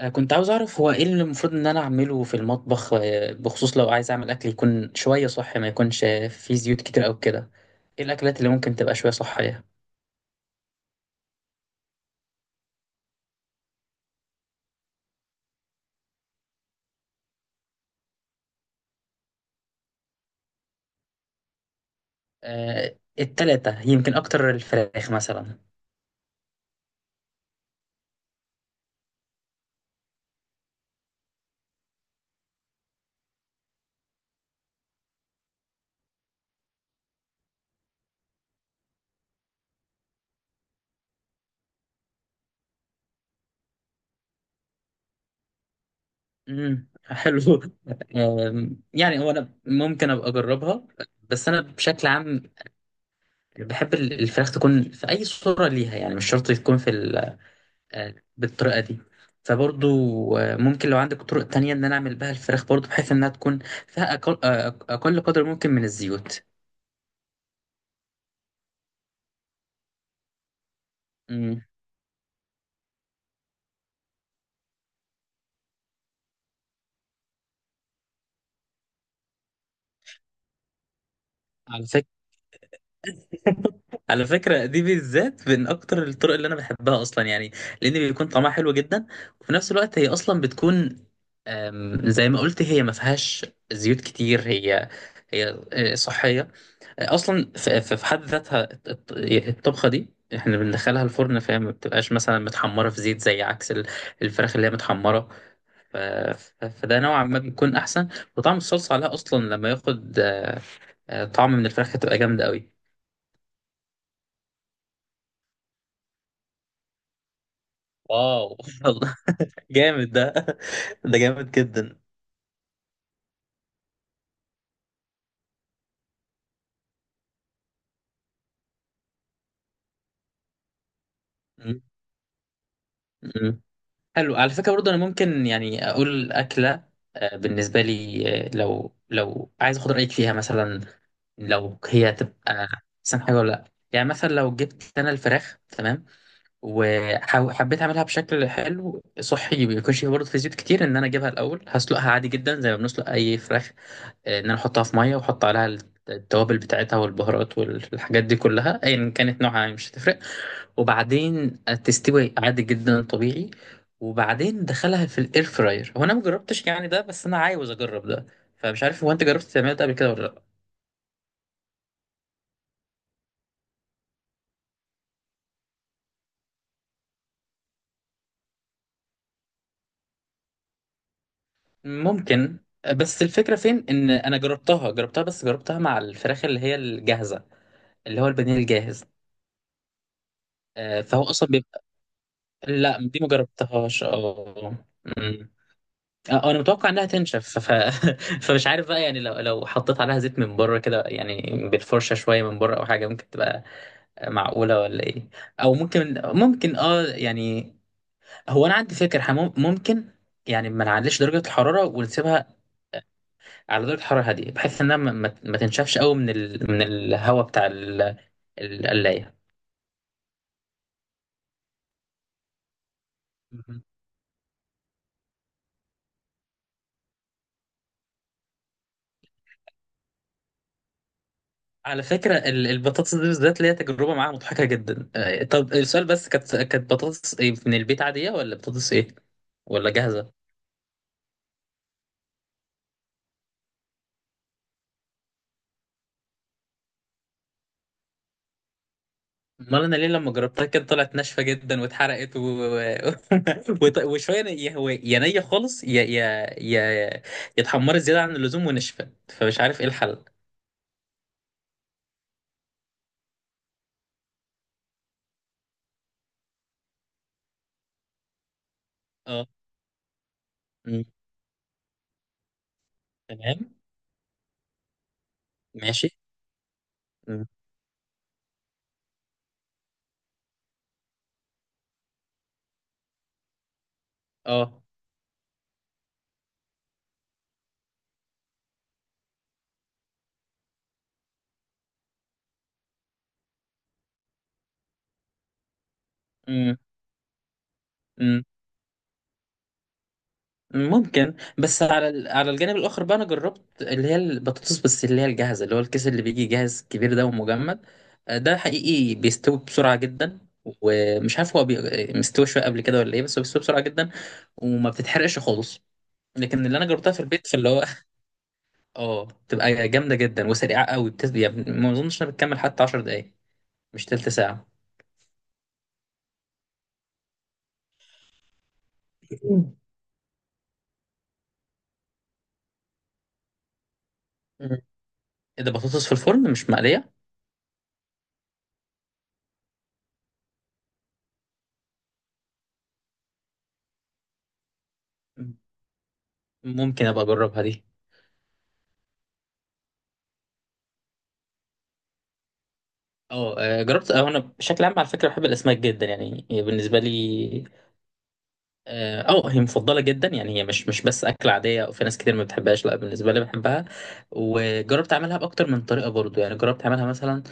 كنت عاوز أعرف هو إيه اللي المفروض إن أنا أعمله في المطبخ، بخصوص لو عايز أعمل أكل يكون شوية صحي، ما يكونش فيه زيوت كتير أو كده. إيه الأكلات اللي ممكن تبقى شوية صحية؟ التلاتة يمكن أكتر الفراخ مثلا. حلو. يعني هو أنا ممكن أبقى أجربها. بس أنا بشكل عام بحب الفراخ تكون في أي صورة ليها، يعني مش شرط تكون في ال آه، بالطريقة دي. فبرضو ممكن لو عندك طرق تانية إن أنا أعمل بها الفراخ برضو بحيث إنها تكون فيها أقل قدر ممكن من الزيوت. مم. على فكرة على فكرة دي بالذات من أكتر الطرق اللي أنا بحبها أصلا يعني، لأن بيكون طعمها حلو جدا، وفي نفس الوقت هي أصلا بتكون زي ما قلت هي ما فيهاش زيوت كتير. هي صحية اصلا. في حد ذاتها الطبخه دي احنا بندخلها الفرن، فهي ما بتبقاش مثلا متحمره في زيت، زي عكس الفراخ اللي هي متحمره. فده نوعا ما بيكون احسن. وطعم الصلصه عليها اصلا لما ياخد طعم من الفراخ هتبقى جامده قوي. واو. والله جامد ده جامد جدا. م- م. حلو على فكره، برضه انا ممكن يعني اقول اكله بالنسبه لي، لو عايز اخد رايك فيها مثلا لو هي هتبقى احسن حاجه ولا لا. يعني مثلا لو جبت انا الفراخ تمام وحبيت اعملها بشكل حلو صحي، بيكونش برضه في زيوت كتير، ان انا اجيبها الاول هسلقها عادي جدا زي ما بنسلق اي فراخ. ان انا احطها في ميه واحط عليها التوابل بتاعتها والبهارات والحاجات دي كلها ايا كانت نوعها إيه، مش هتفرق. وبعدين تستوي عادي جدا طبيعي. وبعدين دخلها في الاير فراير، هو انا مجربتش يعني ده، بس انا عاوز اجرب ده. فمش عارف هو انت جربت تعمل ده قبل كده ولا لا؟ ممكن، بس الفكرة فين، إن أنا جربتها جربتها بس جربتها مع الفراخ اللي هي الجاهزة، اللي هو البانيه الجاهز. فهو أصلا بيبقى. لا دي ما جربتهاش. أه. أمم. أنا متوقع إنها تنشف، ف... فمش عارف بقى، يعني لو حطيت عليها زيت من بره كده، يعني بالفرشة شوية من بره أو حاجة، ممكن تبقى معقولة ولا إيه؟ أو ممكن أه يعني، هو أنا عندي فكرة إحنا ممكن يعني ما نعليش درجة الحرارة ونسيبها على درجة حرارة هادية، بحيث انها ما تنشفش قوي من ال... من الهواء بتاع ال... القلاية. مهم. على فكرة البطاطس دي بالذات ليها تجربة معاها مضحكة جدا. طب السؤال بس، كانت بطاطس إيه، من البيت عادية ولا بطاطس ايه ولا جاهزة؟ امال انا ليه لما جربتها كده طلعت ناشفة جدا واتحرقت، و... وشوية هو يا نية خالص، يا اتحمرت زيادة عن اللزوم ونشفت، فمش عارف ايه الحل. اه. مم. تمام. ماشي. مم. اه. مم. ممكن، بس على على الجانب الاخر بقى انا جربت اللي هي البطاطس، بس اللي هي الجاهزه اللي هو الكيس اللي بيجي جاهز كبير ده ومجمد. ده حقيقي بيستوي بسرعه جدا. ومش عارف هو بي... مستوي شويه قبل كده ولا ايه، بس هو بيستوي بسرعه جدا وما بتتحرقش خالص. لكن اللي انا جربتها في البيت في اللي هو اه بتبقى جامده جدا وسريعه قوي، بتز... يعني ما اظنش انها بتكمل حتى 10 دقائق، مش تلت ساعه. مم. مم. ايه ده، بطاطس في الفرن مش مقليه؟ ممكن ابقى اجربها دي. اه جربت. اه انا بشكل عام على فكره بحب الاسماك جدا، يعني هي بالنسبه لي هي مفضله جدا. يعني هي مش بس اكله عاديه او في ناس كتير ما بتحبهاش، لا بالنسبه لي بحبها. وجربت اعملها باكتر من طريقه برضو، يعني جربت اعملها مثلا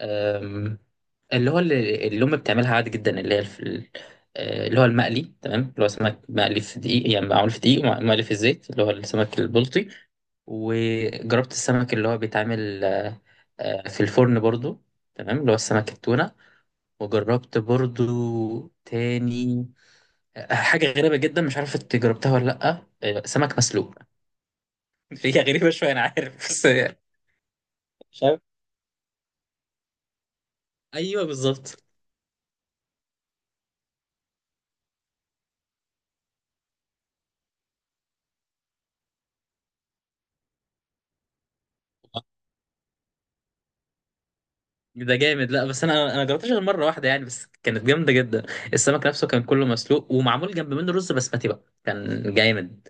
آم، اللي هو اللي امي بتعملها عادي جدا، اللي هي اللي هو المقلي، تمام، اللي هو سمك مقلي في دقيق، يعني معمول في دقيق ومقلي في الزيت، اللي هو السمك البلطي. وجربت السمك اللي هو بيتعمل في الفرن برضو، تمام، اللي هو السمك التونة. وجربت برضو تاني حاجة غريبة جدا، مش عارف انت جربتها ولا لأ، سمك مسلوق. هي غريبة شوية أنا عارف بس. مش عارف. أيوه بالظبط. ده جامد، لا بس أنا جربتهاش غير مرة واحدة يعني، بس كانت جامدة جدا. السمك نفسه كان كله مسلوق، ومعمول جنب منه رز بسمتي بقى، كان جامد.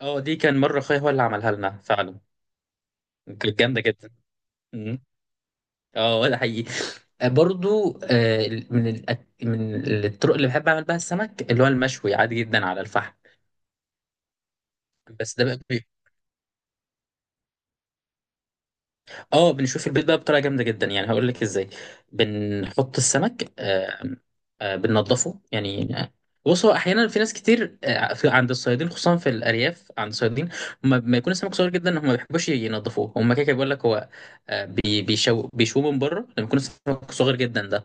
اه دي كان مرة أخويا هو اللي عملها لنا فعلا. كانت جامدة جدا. مم. اه ده حقيقي. برضو من الطرق اللي بحب اعمل بها السمك اللي هو المشوي عادي جدا على الفحم. بس ده بقى بي-، اه بنشوف البيت بقى بطريقه جامده جدا، يعني هقول لك ازاي. بنحط السمك، بننضفه يعني، بص هو احيانا في ناس كتير في- عند الصيادين خصوصا، في الارياف عند الصيادين، هم لما يكون السمك صغير جدا هم ما بيحبوش ينضفوه. هم كده كده بيقول لك هو بيشوه من بره لما يكون السمك صغير جدا ده.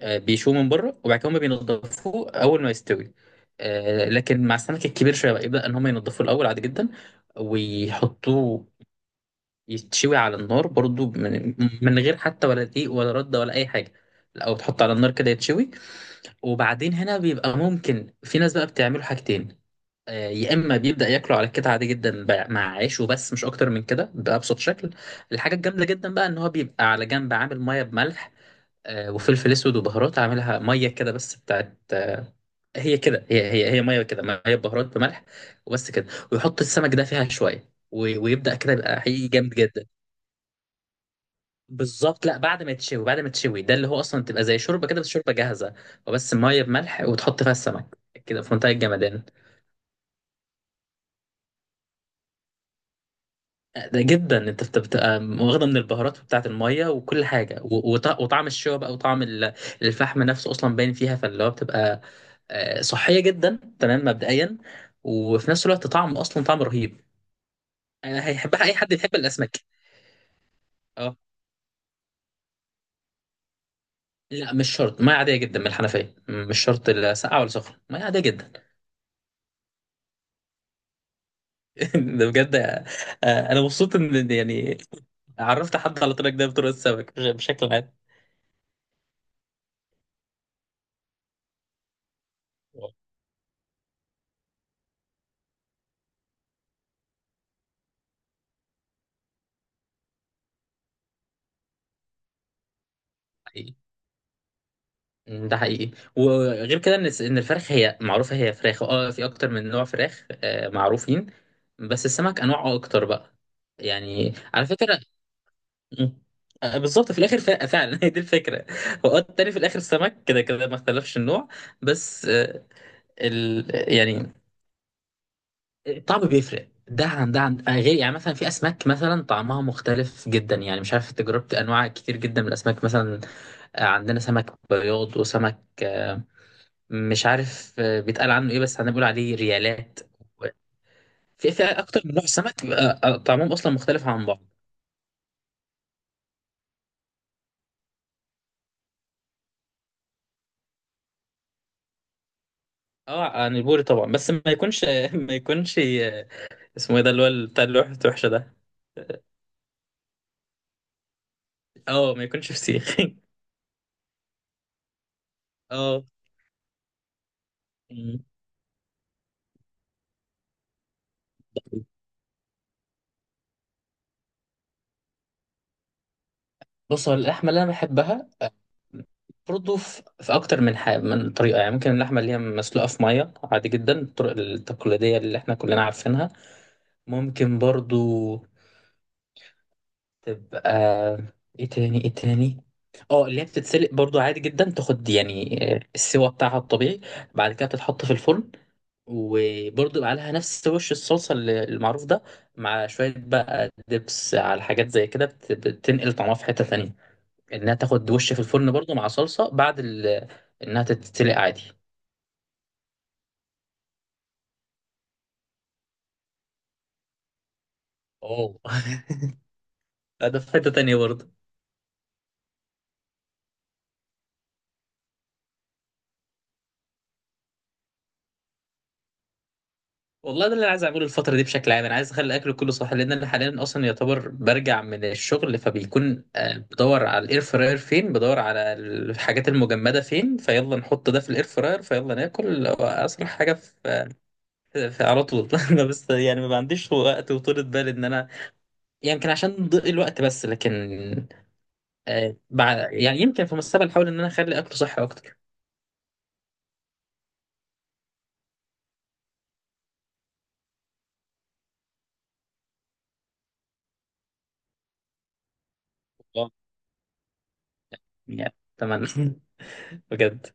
بيشوه من بره وبعد كده هم بينضفوه اول ما يستوي. لكن مع السمك الكبير شويه بقى، يبدا ان هم ينضفوه الاول عادي جدا، ويحطوه يتشوي على النار برضو، من غير حتى ولا دقيق ولا رده ولا اي حاجه. او تحط على النار كده يتشوي. وبعدين هنا بيبقى ممكن في ناس بقى بتعمله حاجتين، يا اما بيبدا ياكله على كده عادي جدا بقى مع عيش وبس، مش اكتر من كده بابسط شكل. الحاجه الجامده جدا بقى ان هو بيبقى على جنب عامل ميه بملح وفلفل اسود وبهارات، عاملها ميه كده بس بتاعت هي كده، هي ميه كده، ميه بهارات بملح وبس كده. ويحط السمك ده فيها شويه، ويبدا كده يبقى حقيقي جامد جدا. بالظبط، لا بعد ما يتشوي، بعد ما تشوي ده اللي هو اصلا تبقى زي شوربه كده بس شوربه جاهزه، وبس ميه بملح وتحط فيها السمك كده في منتهى الجمدان. ده جدا، انت بتبقى واخده من البهارات، بتاعه الميه وكل حاجه، وطعم الشوربه بقى، وطعم الفحم نفسه اصلا باين فيها، فاللي هو بتبقى صحيه جدا تمام مبدئيا، وفي نفس الوقت طعم، اصلا طعم رهيب. هيحبها اي حد يحب الاسماك. اه. لا مش شرط، ميه عاديه جدا من الحنفيه، مش شرط لا ساقعه ولا سخنه، ميه عاديه جدا. ده بجد، انا مبسوط ان يعني عرفت حد على طريقك ده بطرق السمك بشكل عام. مم، ده حقيقي. وغير كده، ان الفراخ هي معروفه، هي فراخ، اه في اكتر من نوع فراخ معروفين. بس السمك انواعه اكتر بقى، يعني على فكره. مم، بالظبط في الاخر فعلا. هي دي الفكره، هو التاني في الاخر السمك كده كده ما اختلفش النوع، بس ال... يعني الطعم بيفرق ده عن ده عن آه، غير يعني مثلا في اسماك مثلا طعمها مختلف جدا، يعني مش عارف انت جربت انواع كتير جدا من الاسماك مثلا. عندنا سمك بياض وسمك مش عارف بيتقال عنه ايه، بس هنقول عليه ريالات. في اكتر من نوع سمك بيبقى طعمهم اصلا مختلف عن بعض. اه، عن البوري طبعا، بس ما يكونش ما يكونش اسمه ايه ده اللي هو بتاع اللوحة وحشه ده. اه ما يكونش فسيخ. اه بص، هو اللحمه اللي انا بحبها برضه في اكتر من حاجه من طريقه. يعني ممكن اللحمه اللي هي مسلوقه في ميه عادي جدا، الطرق التقليديه اللي احنا كلنا عارفينها. ممكن برضو تبقى ايه تاني، ايه تاني؟ اه اللي هي بتتسلق برضو عادي جدا، تاخد يعني السوا بتاعها الطبيعي. بعد كده بتتحط في الفرن، وبرضو يبقى عليها نفس وش الصلصة المعروف ده، مع شوية بقى دبس على حاجات زي كده، بتنقل طعمها في حتة تانية، انها تاخد وش في الفرن برضو مع صلصة بعد ال... انها تتسلق عادي. اه. ده في حتة تانية برضو. والله، ده اللي انا عايز اعمله الفتره دي بشكل عام. انا عايز اخلي اكل كله صح، لان انا حاليا اصلا يعتبر برجع من الشغل، فبيكون بدور على الاير فراير فين، بدور على الحاجات المجمده فين، فيلا نحط ده في الاير فراير فيلا ناكل، هو اسرع حاجه في- على طول. أنا بس يعني ما عنديش وقت وطولة بال ان انا، يمكن عشان ضيق الوقت، بس لكن يعني يمكن في المستقبل احاول ان انا اخلي اكل صحي اكتر. والله يعني اتمنى. بجد.